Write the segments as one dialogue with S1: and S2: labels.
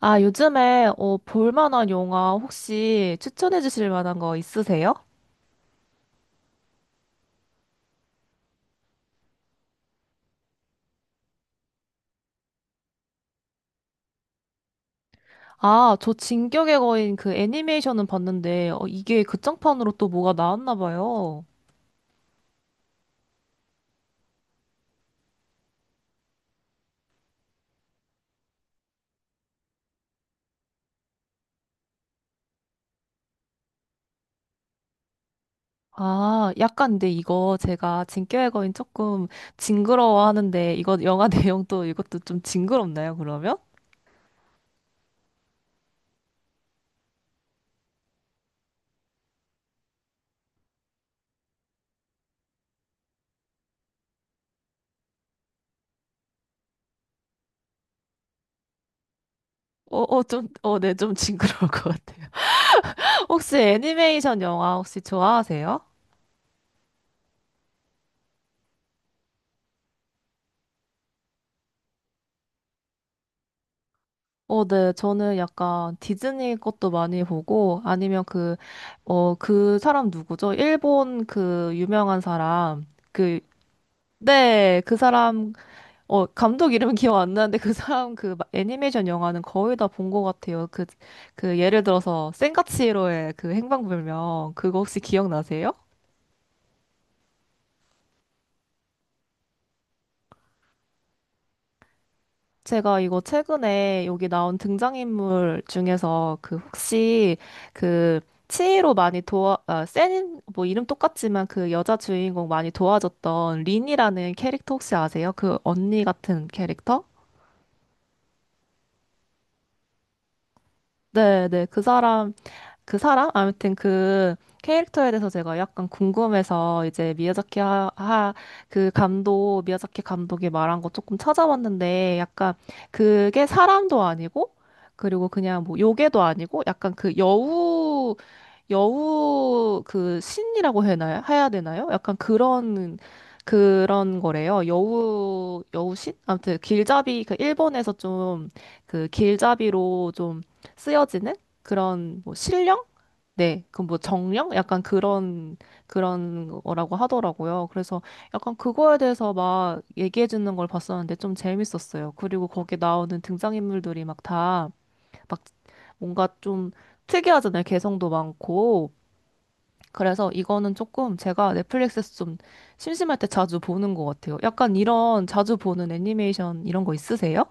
S1: 아, 요즘에 볼 만한 영화 혹시 추천해 주실 만한 거 있으세요? 아, 저 진격의 거인 그 애니메이션은 봤는데 이게 극장판으로 또 뭐가 나왔나 봐요. 아, 약간 근데 이거 제가 진격의 거인 조금 징그러워하는데 이거 영화 내용도 이것도 좀 징그럽나요, 그러면? 네, 좀 징그러울 것 같아요. 혹시 애니메이션 영화 혹시 좋아하세요? 어, 네. 저는 약간 디즈니 것도 많이 보고, 아니면 그 사람 누구죠? 일본 그 유명한 사람. 그, 네. 그 사람, 감독 이름은 기억 안 나는데 그 사람 그 애니메이션 영화는 거의 다 본 것 같아요. 그, 그 예를 들어서 센과 치히로의 그 행방불명. 그거 혹시 기억나세요? 제가 이거 최근에 여기 나온 등장인물 중에서 그 혹시 그 치이로 많이 도와, 아, 센, 뭐 이름 똑같지만 그 여자 주인공 많이 도와줬던 린이라는 캐릭터 혹시 아세요? 그 언니 같은 캐릭터? 네, 네. 그 사람? 아무튼 그 캐릭터에 대해서 제가 약간 궁금해서 이제 그 감독, 미야자키 감독이 말한 거 조금 찾아봤는데 약간 그게 사람도 아니고 그리고 그냥 뭐 요괴도 아니고 약간 그 여우 그 신이라고 해나요? 해야 되나요? 약간 그런 거래요. 여우신? 아무튼 길잡이 그 일본에서 좀 그 길잡이로 좀 쓰여지는 그런 뭐 신령? 네, 그 뭐 정령? 약간 그런 거라고 하더라고요. 그래서 약간 그거에 대해서 막 얘기해 주는 걸 봤었는데 좀 재밌었어요. 그리고 거기 나오는 등장인물들이 막 다 막 뭔가 좀 특이하잖아요. 개성도 많고. 그래서 이거는 조금 제가 넷플릭스에서 좀 심심할 때 자주 보는 것 같아요. 약간 이런 자주 보는 애니메이션 이런 거 있으세요?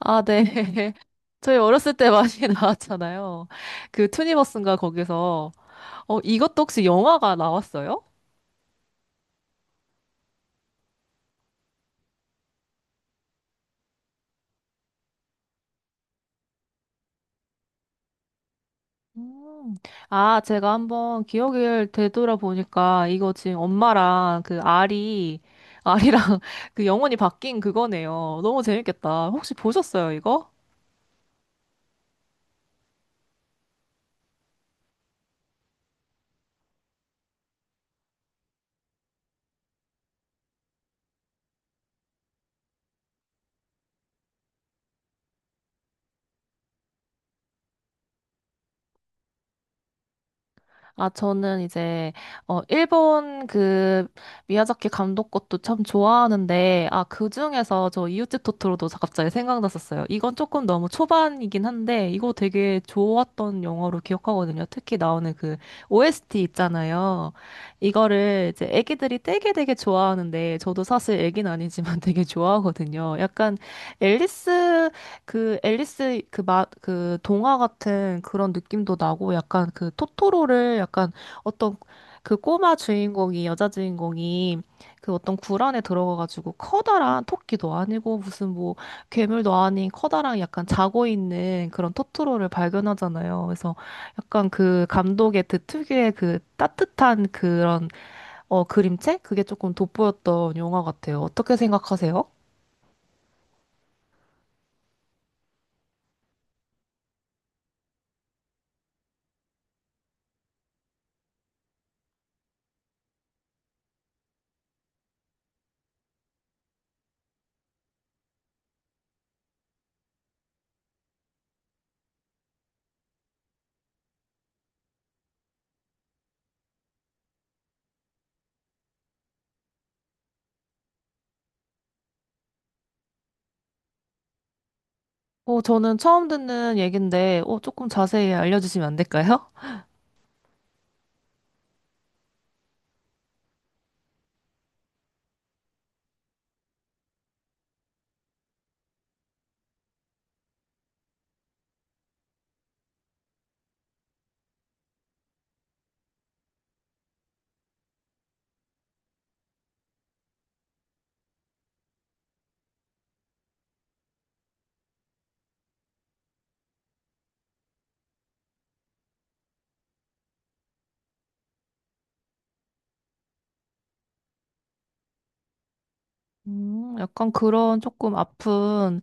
S1: 아, 네. 저희 어렸을 때 많이 나왔잖아요. 그 투니버스인가 거기서. 어, 이것도 혹시 영화가 나왔어요? 음. 아, 제가 한번 기억을 되돌아보니까 이거 지금 엄마랑 그 알이랑 그 영혼이 바뀐 그거네요. 너무 재밌겠다. 혹시 보셨어요, 이거? 아, 저는 일본 그, 미야자키 감독 것도 참 좋아하는데, 아, 그 중에서 저 이웃집 토토로도 갑자기 생각났었어요. 이건 조금 너무 초반이긴 한데, 이거 되게 좋았던 영화로 기억하거든요. 특히 나오는 그, OST 있잖아요. 이거를 이제 애기들이 되게 좋아하는데, 저도 사실 애긴 아니지만 되게 좋아하거든요. 약간 앨리스 그 앨리스 그 동화 같은 그런 느낌도 나고 약간 그 토토로를 약간 어떤 그 꼬마 주인공이 여자 주인공이 그 어떤 굴 안에 들어가가지고 커다란 토끼도 아니고 무슨 뭐 괴물도 아닌 커다란 약간 자고 있는 그런 토토로를 발견하잖아요. 그래서 약간 그 감독의 그 특유의 그 따뜻한 그런 그림체 그게 조금 돋보였던 영화 같아요. 어떻게 생각하세요? 어, 저는 처음 듣는 얘긴데, 어, 조금 자세히 알려주시면 안 될까요? 약간 그런 조금 아픈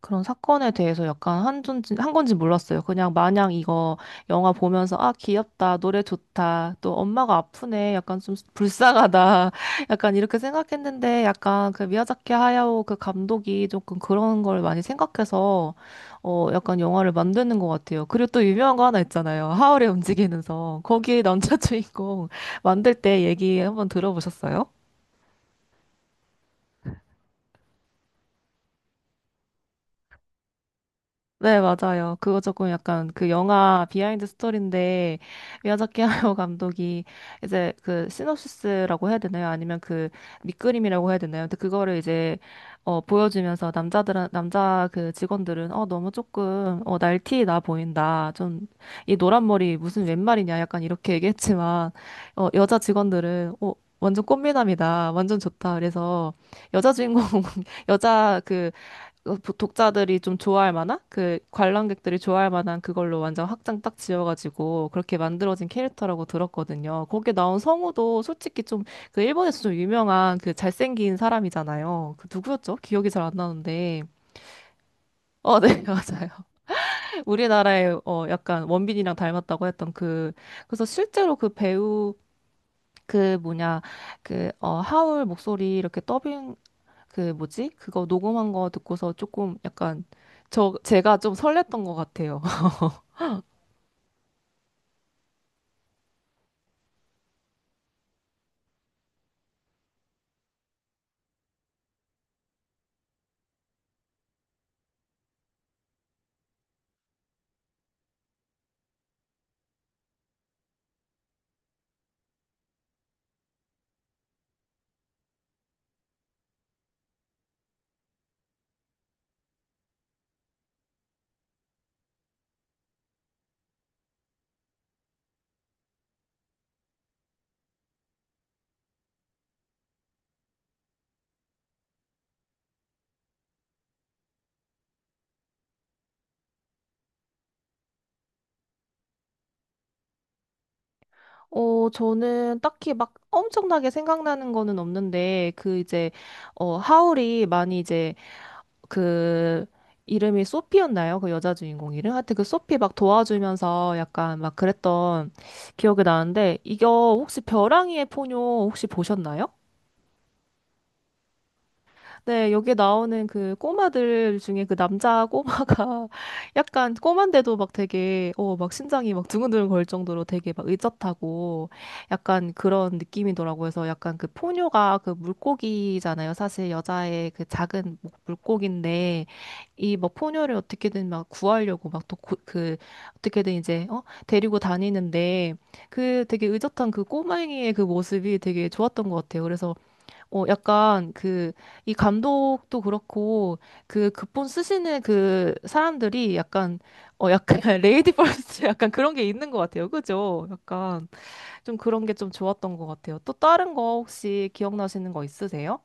S1: 그런 사건에 대해서 약간 한 건지, 한 건지 몰랐어요. 그냥 마냥 이거 영화 보면서, 아, 귀엽다, 노래 좋다, 또 엄마가 아프네, 약간 좀 불쌍하다, 약간 이렇게 생각했는데, 약간 그 미야자키 하야오 그 감독이 조금 그런 걸 많이 생각해서, 어, 약간 영화를 만드는 것 같아요. 그리고 또 유명한 거 하나 있잖아요. 하울의 움직이는 성. 거기에 남자 주인공 만들 때 얘기 한번 들어보셨어요? 네, 맞아요. 그거 조금 약간 그 영화 비하인드 스토리인데 미야자키 하야오 감독이 이제 그 시놉시스라고 해야 되나요? 아니면 그 밑그림이라고 해야 되나요? 근데 그거를 이제 보여주면서 남자 그 직원들은 너무 조금 날티 나 보인다. 좀 이 노란 머리 무슨 웬 말이냐 약간 이렇게 얘기했지만 여자 직원들은 완전 꽃미남이다. 완전 좋다. 그래서 여자 주인공 여자 그 어, 보- 독자들이 좀 좋아할 만한 그 관람객들이 좋아할 만한 그걸로 완전 확장 딱 지어가지고 그렇게 만들어진 캐릭터라고 들었거든요. 거기에 나온 성우도 솔직히 좀 그 일본에서 좀 유명한 그 잘생긴 사람이잖아요. 그 누구였죠? 기억이 잘 안 나는데. 어, 네, 맞아요. 우리나라의 약간 원빈이랑 닮았다고 했던 그 그래서 실제로 그 배우 그 뭐냐 그 하울 목소리 이렇게 그 뭐지? 그거 녹음한 거 듣고서 조금 약간 제가 좀 설렜던 것 같아요. 어, 저는 딱히 막 엄청나게 생각나는 거는 없는데 그 이제 하울이 많이 이제 그 이름이 소피였나요? 그 여자 주인공 이름? 하여튼 그 소피 막 도와주면서 약간 막 그랬던 기억이 나는데 이거 혹시 벼랑이의 포뇨 혹시 보셨나요? 네, 여기에 나오는 그 꼬마들 중에 그 남자 꼬마가 약간 꼬만데도 막 되게, 어, 막 심장이 막 두근두근 걸 정도로 되게 막 의젓하고 약간 그런 느낌이더라고요. 그래서 약간 그 포뇨가 그 물고기잖아요. 사실 여자의 그 작은 뭐 물고기인데 이 막 포뇨를 어떻게든 막 구하려고 막 또 그 어떻게든 이제 데리고 다니는데 그 되게 의젓한 그 꼬맹이의 그 모습이 되게 좋았던 것 같아요. 그래서 약간 그, 이 감독도 그렇고, 그 극본 쓰시는 그 사람들이 약간, 약간 레이디 퍼스트 약간 그런 게 있는 것 같아요. 그죠? 약간 좀 그런 게 좀 좋았던 것 같아요. 또 다른 거 혹시 기억나시는 거 있으세요?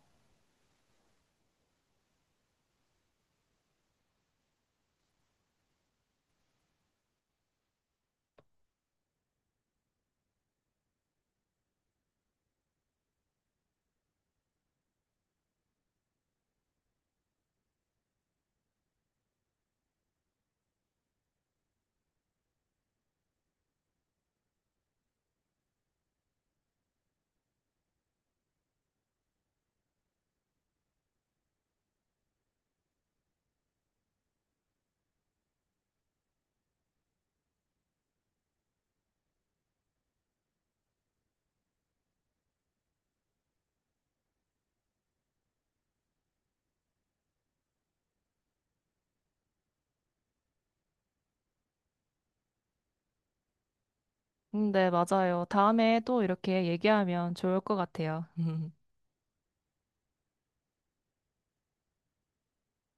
S1: 네, 맞아요. 다음에 또 이렇게 얘기하면 좋을 것 같아요.